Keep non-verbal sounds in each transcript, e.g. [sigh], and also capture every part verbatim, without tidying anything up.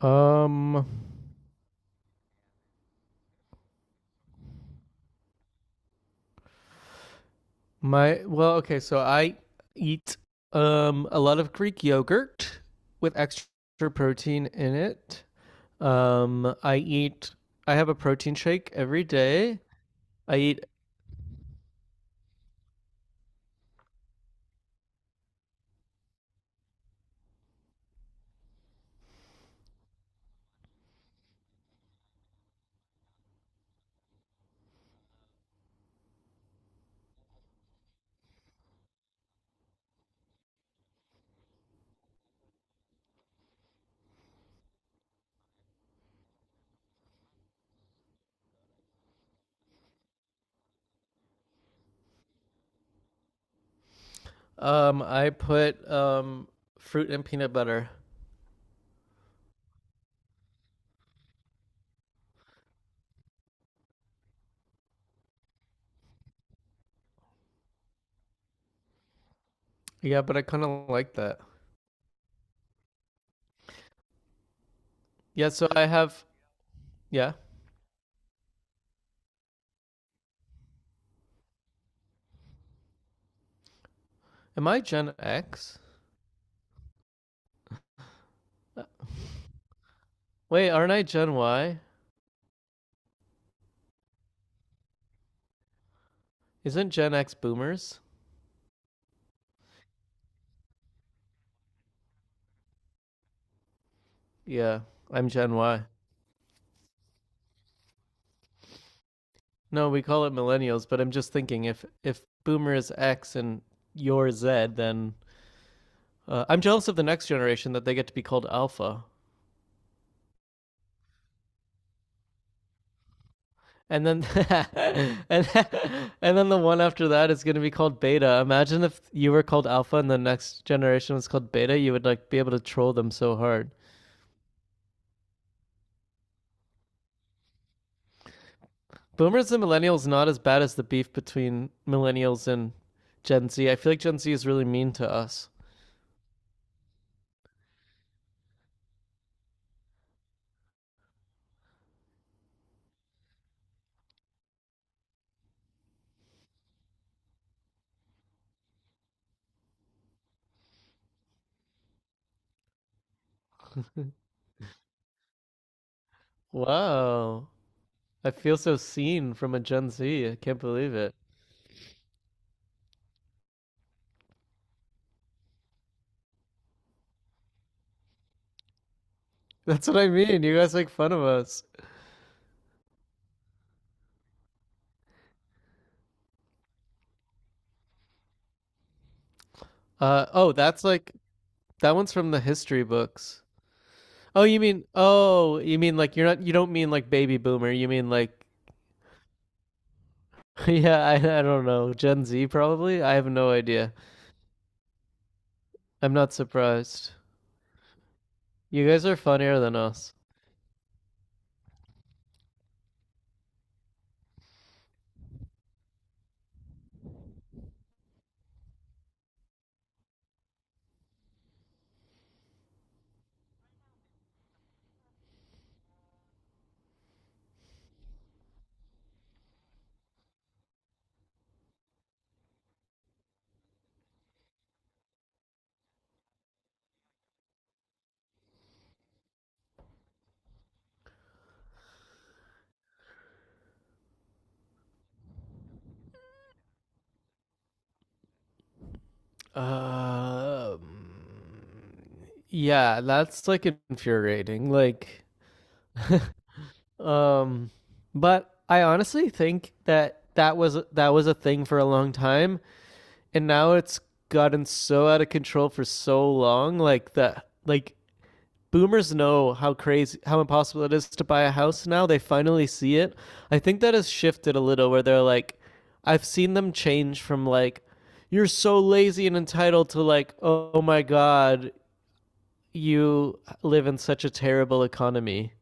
Um, my well, okay, so I eat um a lot of Greek yogurt with extra protein in it. Um, I eat. I have a protein shake every day. I eat. Um, I put um fruit and peanut butter. Yeah, but I kind of like that. Yeah, so I have. Yeah, am I Gen X? Uh, Wait, aren't I Gen Y? Isn't Gen X boomers? Yeah, I'm Gen Y. No, we call it millennials, but I'm just thinking if if boomer is X and you're Z, then uh, I'm jealous of the next generation that they get to be called alpha. And then [laughs] and, and then the one after that is going to be called beta. Imagine if you were called alpha and the next generation was called beta, you would like be able to troll them so hard. Boomers and millennials not as bad as the beef between millennials and Gen Z. I feel like Gen Z is really mean to us. Wow. I feel so seen from a Gen Z. I can't believe it. That's what I mean. You guys make fun of us. Uh, oh, that's like that one's from the history books. Oh, you mean oh, you mean like you're not you don't mean like baby boomer. You mean like [laughs] yeah, I I don't know, Gen Z probably. I have no idea. I'm not surprised. You guys are funnier than us. Um, yeah, that's like infuriating. Like, [laughs] um, but I honestly think that that was that was a thing for a long time and now it's gotten so out of control for so long, like that, like boomers know how crazy, how impossible it is to buy a house now. They finally see it. I think that has shifted a little where they're like, I've seen them change from like, you're so lazy and entitled to like, oh my god, you live in such a terrible economy.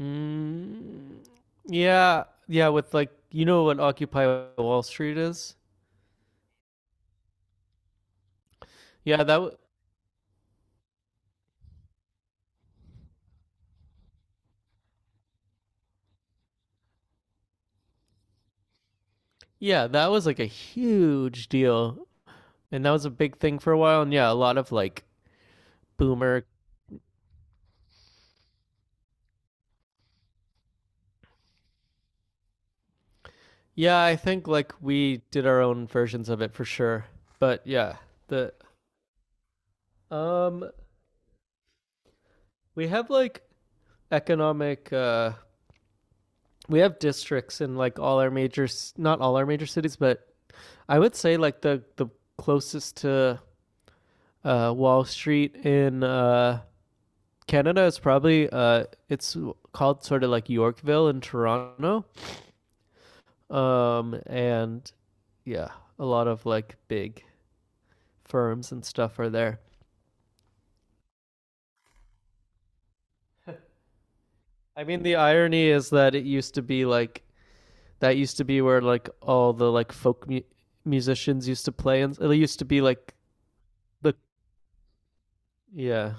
mm, yeah, yeah, with like, you know what Occupy Wall Street is. Yeah, that. Yeah, that was like a huge deal. And that was a big thing for a while. And yeah, a lot of like boomer. Yeah, I think like we did our own versions of it for sure. But yeah, the um we have like economic, uh we have districts in like all our major, not all our major cities, but I would say like the the closest to uh Wall Street in uh Canada is probably, uh it's called sort of like Yorkville in Toronto. Um, and yeah, a lot of like big firms and stuff are there. I mean, the irony is that it used to be like, that used to be where like all the like folk mu- musicians used to play, and it used to be like the, yeah.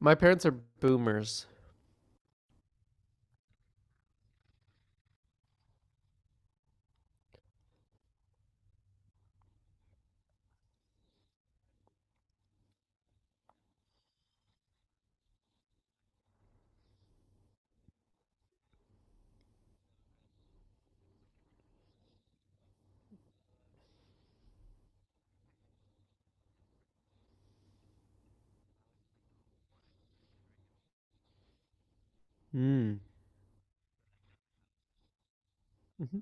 My parents are boomers. Mm. Mm-hmm.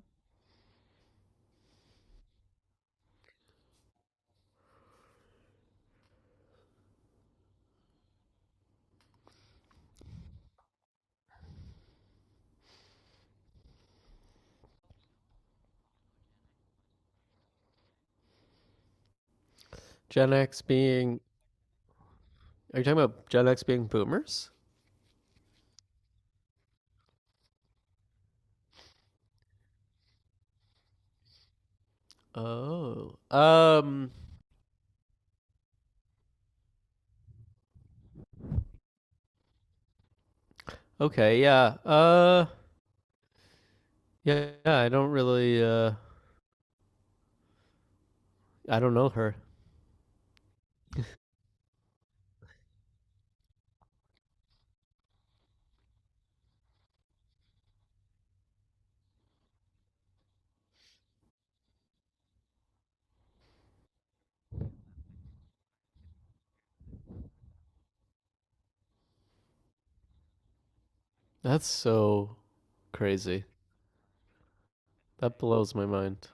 Gen X being Are you talking about Gen X being boomers? Oh, um, okay, yeah, uh, yeah, yeah. I don't really, uh, I don't know her. That's so crazy. That blows my mind.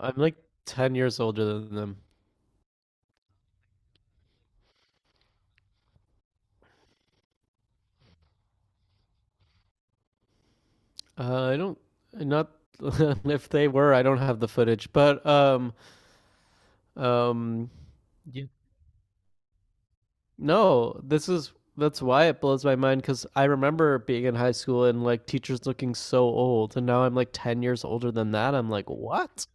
I'm like ten years older than them. Uh, I don't, not [laughs] if they were, I don't have the footage, but um, um, yeah. No, this is, that's why it blows my mind, because I remember being in high school and like teachers looking so old, and now I'm like ten years older than that. I'm like, what?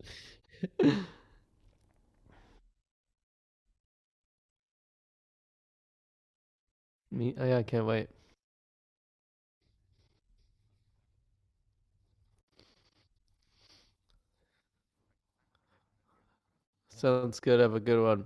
[laughs] Me, I I can't wait. Sounds good. Have a good one.